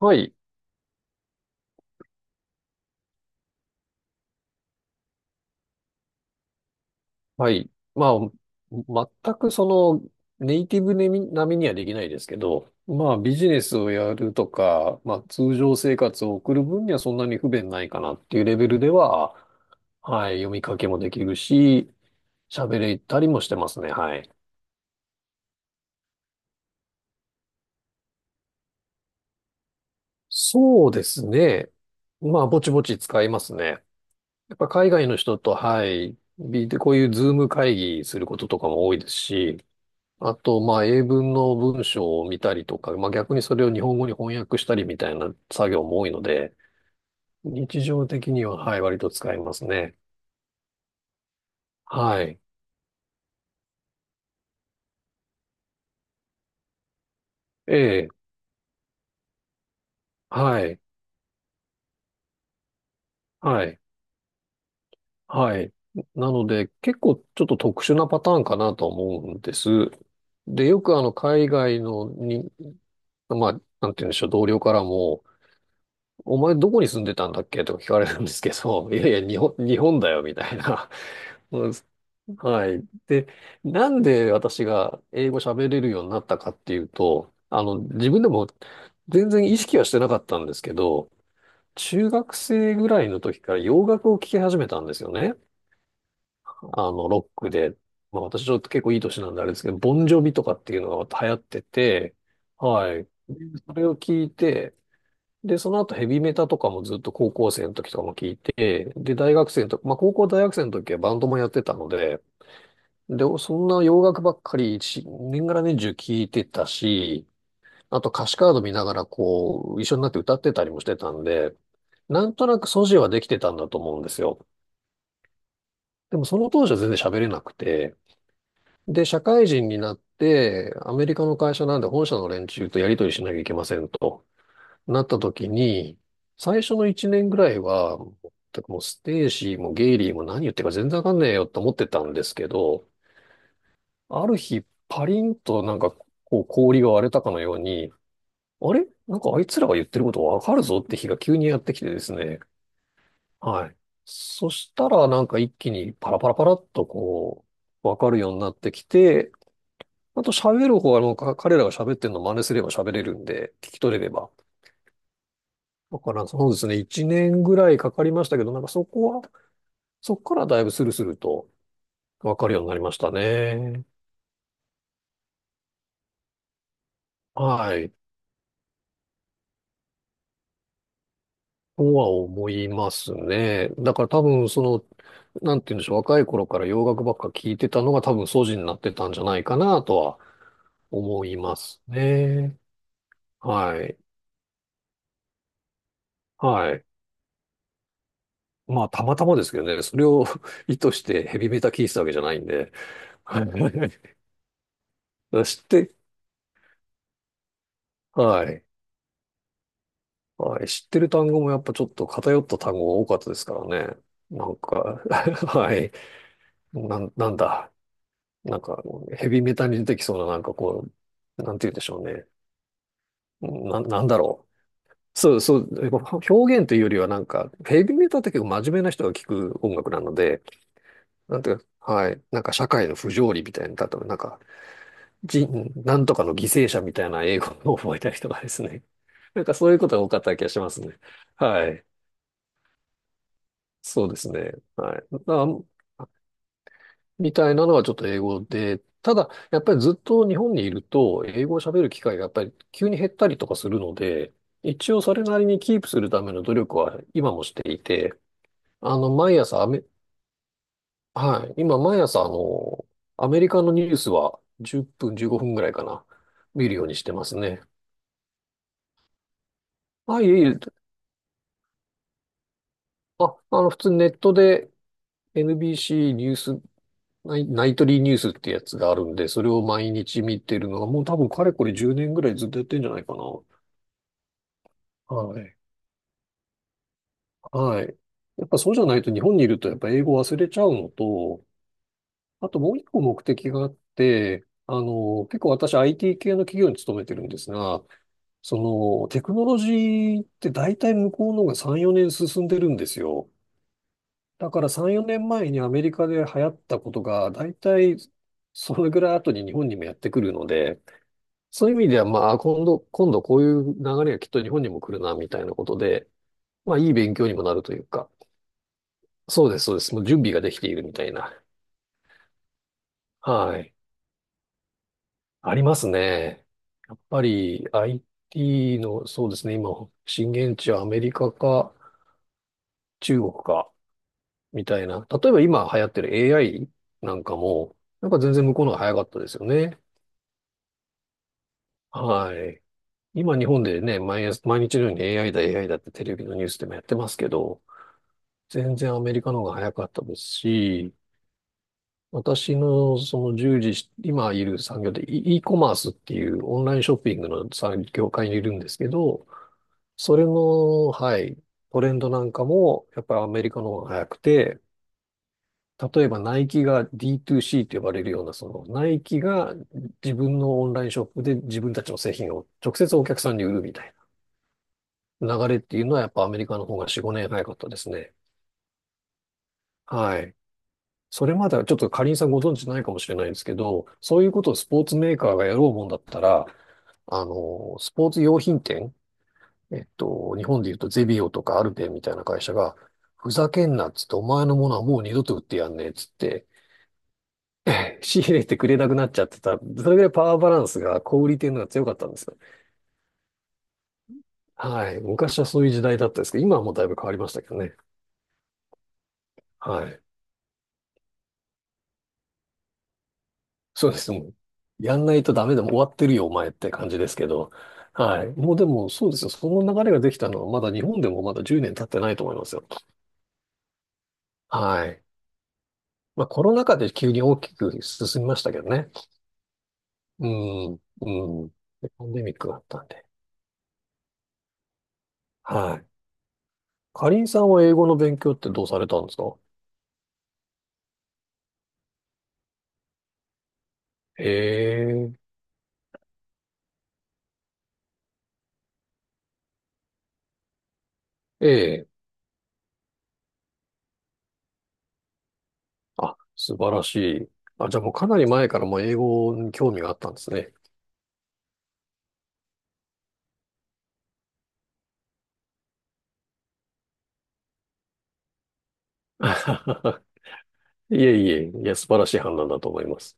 はい、はい。まあ、全くネイティブ並みにはできないですけど、まあ、ビジネスをやるとか、まあ、通常生活を送る分にはそんなに不便ないかなっていうレベルでは、はい、読み書きもできるし、喋れたりもしてますね、はい。そうですね。まあ、ぼちぼち使いますね。やっぱ海外の人と、はい、こういうズーム会議することとかも多いですし、あと、まあ、英文の文章を見たりとか、まあ、逆にそれを日本語に翻訳したりみたいな作業も多いので、日常的には、はい、割と使いますね。はい。ええ、はい、はい、はい。なので、結構ちょっと特殊なパターンかなと思うんです。で、よく海外のに、まあ、なんて言うんでしょう、同僚からも、お前どこに住んでたんだっけとか聞かれるんですけど、いやいや、日本、日本だよ、みたいな。うんはい。で、なんで私が英語喋れるようになったかっていうと、自分でも全然意識はしてなかったんですけど、中学生ぐらいの時から洋楽を聴き始めたんですよね。ロックで。まあ私ちょっと結構いい年なんであれですけど、ボンジョビとかっていうのが流行ってて、はい。でそれを聞いて、で、その後ヘビメタとかもずっと高校生の時とかも聞いて、で、大学生の時、まあ高校大学生の時はバンドもやってたので、で、そんな洋楽ばっかり一年がら年中聞いてたし、あと歌詞カード見ながら一緒になって歌ってたりもしてたんで、なんとなく素地はできてたんだと思うんですよ。でもその当時は全然喋れなくて、で、社会人になって、アメリカの会社なんで本社の連中とやり取りしなきゃいけませんと。なった時に、最初の一年ぐらいは、全くもうステーシーもゲイリーも何言ってるか全然わかんねえよって思ってたんですけど、ある日パリンとなんかこう氷が割れたかのように、あれなんかあいつらが言ってることわかるぞって日が急にやってきてですね。はい。そしたらなんか一気にパラパラパラっとわかるようになってきて、あと喋る方はもう彼らが喋ってるの真似すれば喋れるんで、聞き取れれば。だからそうですね、1年ぐらいかかりましたけど、なんかそこからだいぶスルスルとわかるようになりましたね。はい。とは思いますね。だから多分なんて言うんでしょう、若い頃から洋楽ばっか聞いてたのが多分素地になってたんじゃないかなとは思いますね。はい。はい。まあ、たまたまですけどね、それを 意図してヘビメタ聞いてたわけじゃないんで。はい。知って、はい。はい。知ってる単語もやっぱちょっと偏った単語が多かったですからね。なんか はい。なんだ。なんか、ヘビメタに出てきそうな、なんかなんて言うんでしょうね。なんだろう。そうそう。やっぱ表現というよりはなんか、ヘビメタって結構真面目な人が聞く音楽なので、なんていうか、はい。なんか社会の不条理みたいな、例えばなんか、人、なんとかの犠牲者みたいな英語を覚えた人がですね。なんかそういうことが多かった気がしますね。はい。そうですね。はい。だみたいなのはちょっと英語で、ただ、やっぱりずっと日本にいると、英語を喋る機会がやっぱり急に減ったりとかするので、一応それなりにキープするための努力は今もしていて、毎朝アメ、はい、今毎朝アメリカのニュースは10分、15分ぐらいかな、見るようにしてますね。あ、いえいえ、あ、普通にネットで NBC ニュースナイトリーニュースってやつがあるんで、それを毎日見てるのは、もう多分かれこれ10年ぐらいずっとやってんじゃないかな。はい。はい。やっぱそうじゃないと日本にいるとやっぱ英語忘れちゃうのと、あともう一個目的があって、結構私 IT 系の企業に勤めてるんですが、そのテクノロジーって大体向こうの方が3、4年進んでるんですよ。だから3、4年前にアメリカで流行ったことが大体それぐらい後に日本にもやってくるので、そういう意味では、まあ、今度こういう流れがきっと日本にも来るな、みたいなことで、まあ、いい勉強にもなるというか。そうです、そうです。もう準備ができているみたいな。はい。ありますね。やっぱり IT の、そうですね、今、震源地はアメリカか中国か、みたいな。例えば今流行ってる AI なんかも、なんか全然向こうの方が早かったですよね。はい。今日本でね、毎日のように AI だ、AI だってテレビのニュースでもやってますけど、全然アメリカの方が早かったですし、私のその従事し、今いる産業で e コマースっていうオンラインショッピングの産業界にいるんですけど、それの、はい、トレンドなんかもやっぱりアメリカの方が早くて、例えばナイキが D2C と呼ばれるような、そのナイキが自分のオンラインショップで自分たちの製品を直接お客さんに売るみたいな流れっていうのはやっぱアメリカの方が4、5年早かったですね。はい。それまではちょっとかりんさんご存知ないかもしれないですけど、そういうことをスポーツメーカーがやろうもんだったら、スポーツ用品店、日本で言うとゼビオとかアルペンみたいな会社が、ふざけんなっつって、お前のものはもう二度と売ってやんねえっつって、仕入れてくれなくなっちゃってた。それぐらいパワーバランスが小売り店の方が強かったんですよ。はい。昔はそういう時代だったんですけど、今はもうだいぶ変わりましたけどね。はい。そうです。もうやんないとダメでもう終わってるよ、お前って感じですけど。はい。もうでも、そうですよ。その流れができたのは、まだ日本でもまだ10年経ってないと思いますよ。はい。まあ、コロナ禍で急に大きく進みましたけどね。うん、うん。でパンデミックがあったんで。はい。かりんさんは英語の勉強ってどうされたんですか？へえ、ええ。あ、素晴らしい。あ、じゃあもうかなり前からもう英語に興味があったんですね。いえいえ、いや、素晴らしい判断だと思います。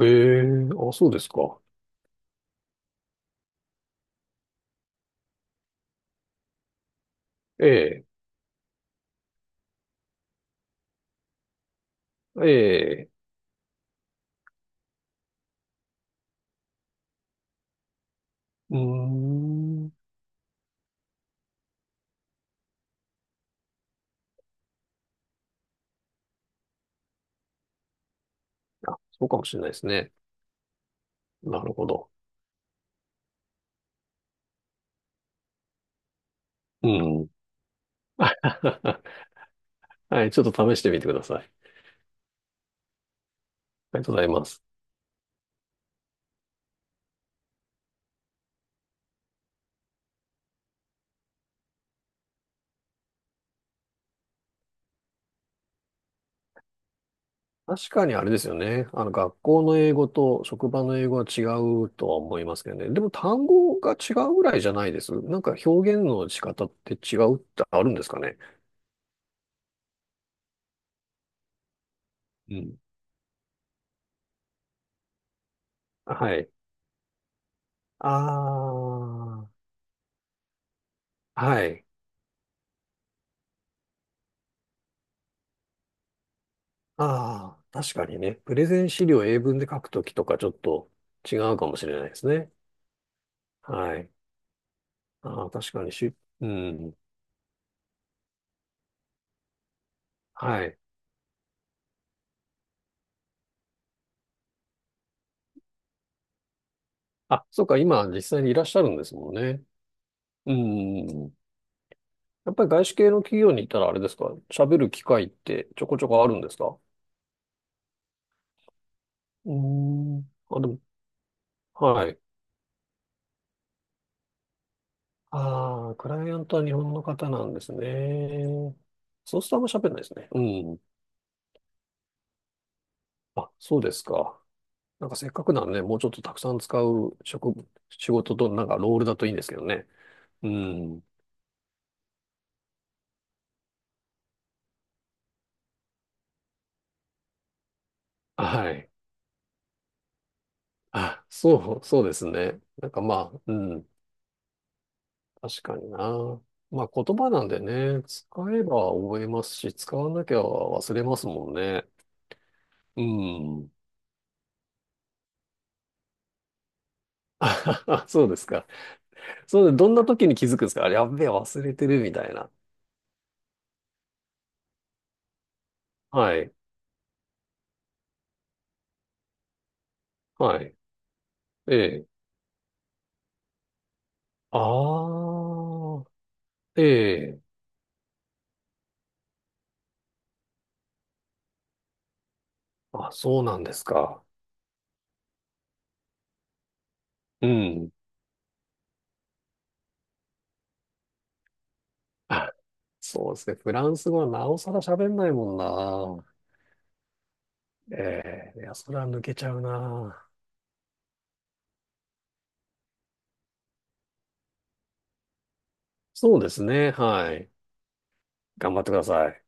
ええ、あ、そうですか。ええ、ええ、うーん。あ、そうかもしれないですね。なるほど。うん。はい、ちょっと試してみてください。ありがとうございます。確かにあれですよね。学校の英語と職場の英語は違うとは思いますけどね。でも単語が違うぐらいじゃないです。なんか表現の仕方って違うってあるんですかね。うん。はい。ああ、はい。ああ、確かにね。プレゼン資料を英文で書くときとかちょっと違うかもしれないですね。はい。ああ、確かにし、うん。はい。あ、そうか、今実際にいらっしゃるんですもんね。うん。やっぱり外資系の企業に行ったらあれですか、喋る機会ってちょこちょこあるんですか？うん。あ、でも、はい。ああ、クライアントは日本の方なんですね。そうするとあんま喋んないですね。うん。あ、そうですか。なんかせっかくならね、もうちょっとたくさん使う仕事と、なんかロールだといいんですけどね。うん。はい。あ、そうですね。なんかまあ、うん。確かにな。まあ言葉なんでね、使えば覚えますし、使わなきゃ忘れますもんね。うん。あ そうですか。そうで、どんな時に気づくんですか？あれ、やっべえ、忘れてるみたいな。はい。はい。ええ。ああ、ええ。あ、そうなんですか。うん。そうですね。フランス語はなおさら喋んないもんな。ええいや、それは抜けちゃうな。そうですね。はい。頑張ってください。